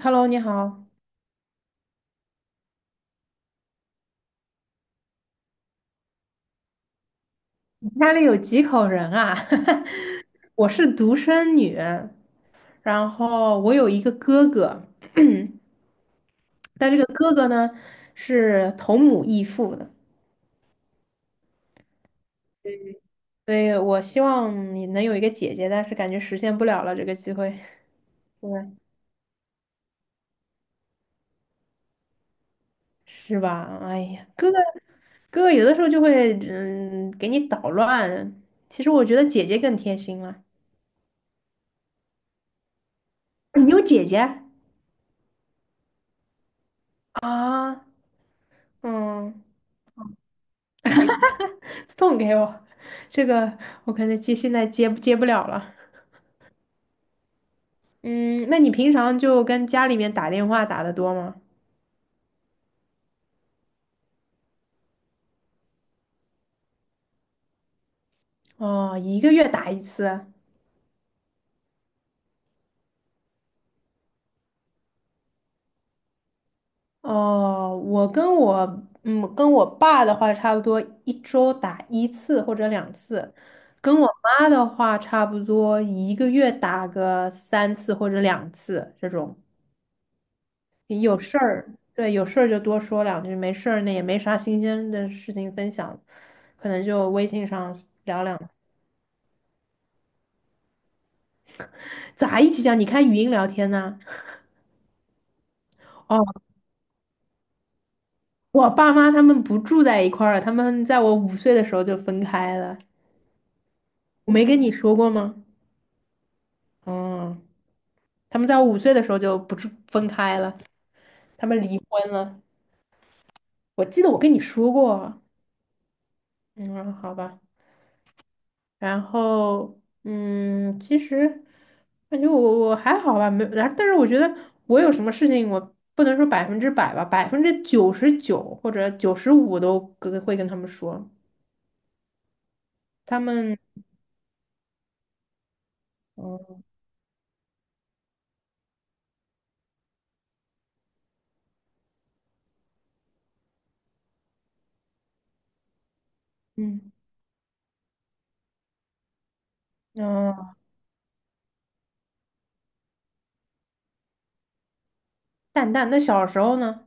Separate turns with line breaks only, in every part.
Hello，你好，你家里有几口人啊？我是独生女，然后我有一个哥哥，但这个哥哥呢是同母异父的，所以我希望你能有一个姐姐，但是感觉实现不了了这个机会，对，是吧？哎呀，哥哥有的时候就会给你捣乱，其实我觉得姐姐更贴心了。你有姐姐啊？嗯。送给我，这个我可能现在接不了了。嗯，那你平常就跟家里面打电话打得多吗？哦，一个月打一次。哦，我跟我嗯跟我爸的话，差不多一周打一次或者两次，跟我妈的话，差不多一个月打个三次或者两次这种。有事儿，对，有事儿就多说两句，没事儿那也没啥新鲜的事情分享，可能就微信上聊两句，咋一起讲？你看语音聊天呢、哦，我爸妈他们不住在一块儿了，他们在我五岁的时候就分开了。我没跟你说过吗？嗯，他们在我五岁的时候就不住分开了，他们离婚了。我记得我跟你说过。嗯，好吧。然后，其实感觉我还好吧，没，然后但是我觉得我有什么事情，我不能说100%吧，99%或者95都会跟他们说，他们，嗯，嗯嗯，淡淡。那小时候呢？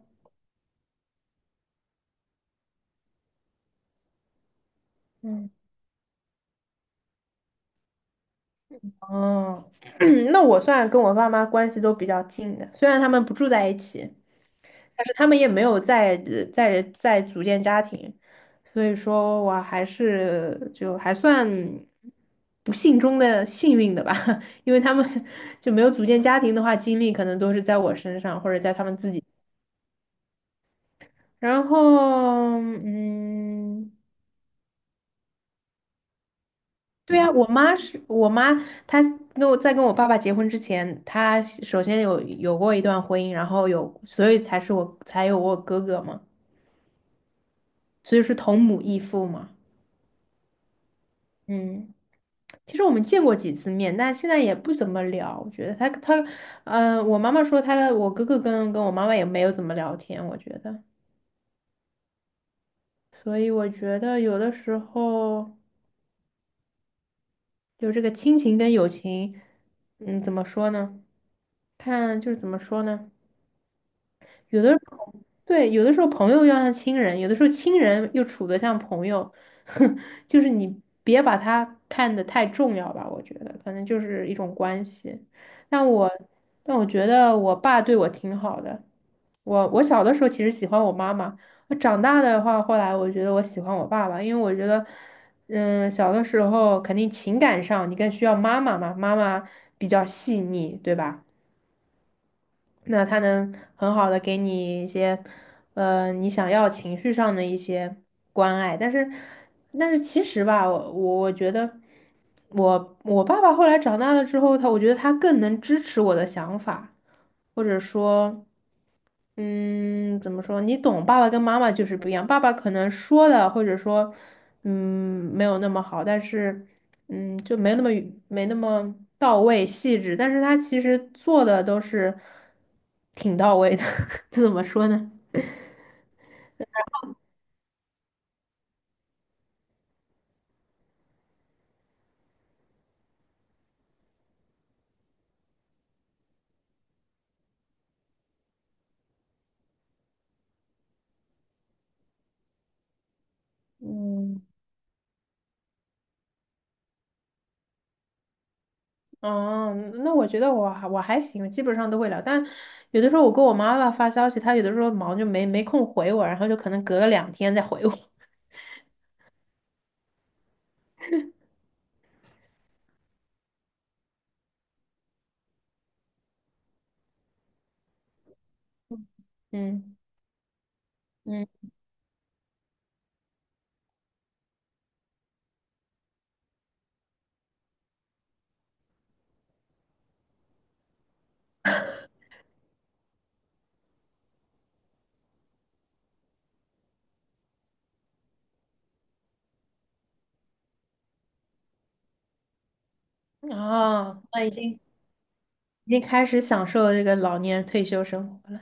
嗯哦，那我算跟我爸妈关系都比较近的，虽然他们不住在一起。但是他们也没有在组建家庭，所以说我还是就还算不幸中的幸运的吧。因为他们就没有组建家庭的话，精力可能都是在我身上或者在他们自己。然后，嗯，对啊，我妈是我妈，她跟我跟我爸爸结婚之前，她首先有过一段婚姻，然后有，所以才是我才有我哥哥嘛，所以是同母异父嘛。嗯，其实我们见过几次面，但现在也不怎么聊。我觉得他，呃，我妈妈说他，我哥哥跟我妈妈也没有怎么聊天，我觉得。所以我觉得有的时候就这个亲情跟友情，嗯，怎么说呢？看就是怎么说呢？有的。对，有的时候朋友要像亲人，有的时候亲人又处得像朋友。就是你别把他看得太重要吧，我觉得可能就是一种关系。但我但我觉得我爸对我挺好的，我小的时候其实喜欢我妈妈，我长大的话，后来我觉得我喜欢我爸爸，因为我觉得，嗯，小的时候肯定情感上你更需要妈妈嘛，妈妈比较细腻，对吧？那他能很好的给你一些，呃，你想要情绪上的一些关爱。但是，但是其实吧，我觉得我爸爸后来长大了之后，我觉得他更能支持我的想法，或者说。嗯，怎么说？你懂，爸爸跟妈妈就是不一样。爸爸可能说的，或者说，嗯，没有那么好，但是，嗯，就没有那么没那么到位、细致。但是他其实做的都是挺到位的。这怎么说呢？嗯，哦，那我觉得我还行，基本上都会聊。但有的时候我跟我妈妈发消息，她有的时候忙就没空回我，然后就可能隔了2天再回我。嗯嗯，啊。那已经已经开始享受这个老年退休生活了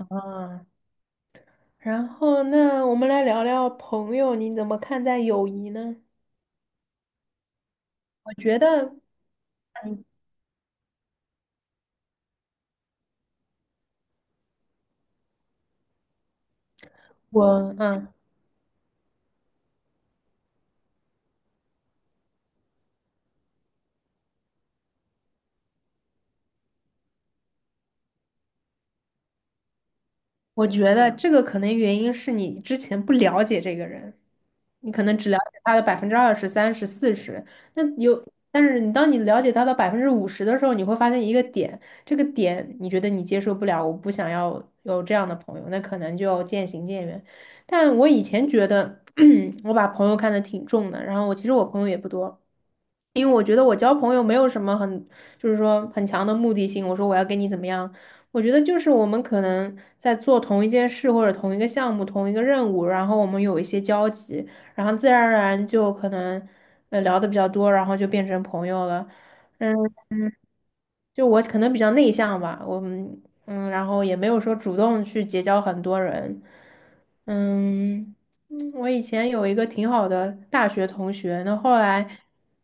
啊。然后，那我们来聊聊朋友，你怎么看待友谊呢？我觉得，嗯我嗯，我觉得这个可能原因是你之前不了解这个人，你可能只了解他的20%、30、40，那有，但是当你了解他的50%的时候，你会发现一个点，这个点你觉得你接受不了，我不想要有这样的朋友，那可能就渐行渐远。但我以前觉得 我把朋友看得挺重的，然后其实我朋友也不多。因为我觉得我交朋友没有什么很，就是说很强的目的性。我说我要跟你怎么样？我觉得就是我们可能在做同一件事或者同一个项目、同一个任务，然后我们有一些交集，然后自然而然就可能聊的比较多，然后就变成朋友了。嗯。就我可能比较内向吧，我嗯嗯，然后也没有说主动去结交很多人。嗯，嗯。我以前有一个挺好的大学同学，那后来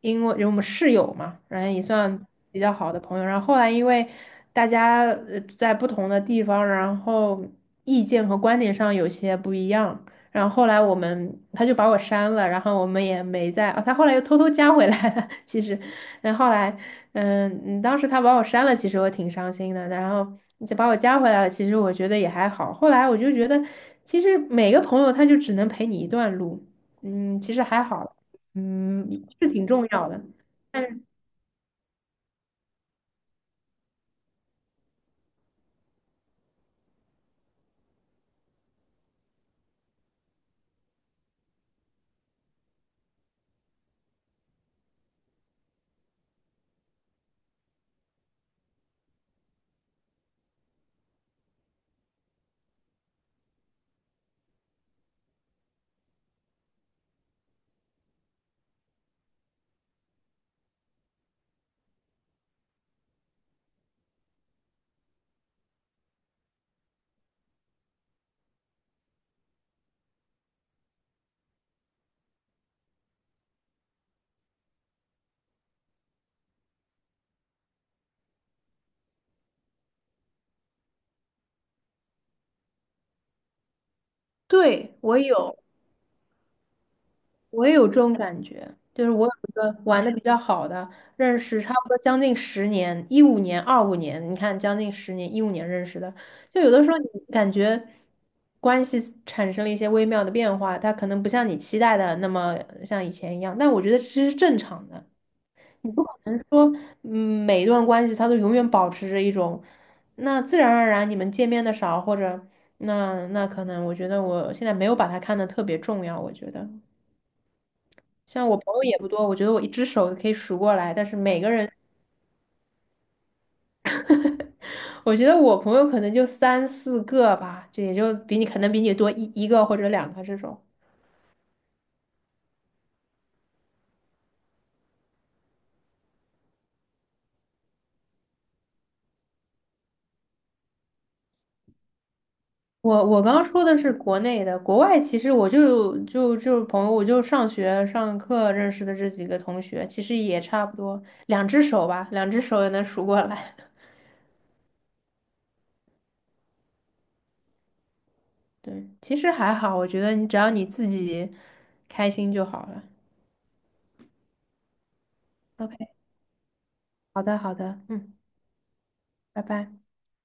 因为我们室友嘛，然后也算比较好的朋友，然后后来因为大家在不同的地方，然后意见和观点上有些不一样，然后后来他就把我删了，然后我们也没在，哦，他后来又偷偷加回来了，其实，然后来。嗯，当时他把我删了，其实我挺伤心的。然后你再把我加回来了，其实我觉得也还好。后来我就觉得，其实每个朋友他就只能陪你一段路，嗯，其实还好，嗯，是挺重要的。但是对，我有，我也有这种感觉，就是我有一个玩的比较好的，认识差不多将近十年，一五年、2025年，你看将近十年，一五年认识的，就有的时候你感觉关系产生了一些微妙的变化，它可能不像你期待的那么像以前一样，但我觉得其实是正常的，你不可能说，嗯，每一段关系它都永远保持着一种，那自然而然你们见面的少，或者那可能我觉得我现在没有把它看得特别重要，我觉得。像我朋友也不多，我觉得我一只手可以数过来，但是每个人，我觉得我朋友可能就三四个吧，也就可能比你多一个或者两个这种。我刚刚说的是国内的，国外其实我就就就朋友，我就上学上课认识的这几个同学，其实也差不多两只手吧，两只手也能数过来。对，其实还好，我觉得你只要你自己开心就好了。OK，好的好的，嗯，拜拜。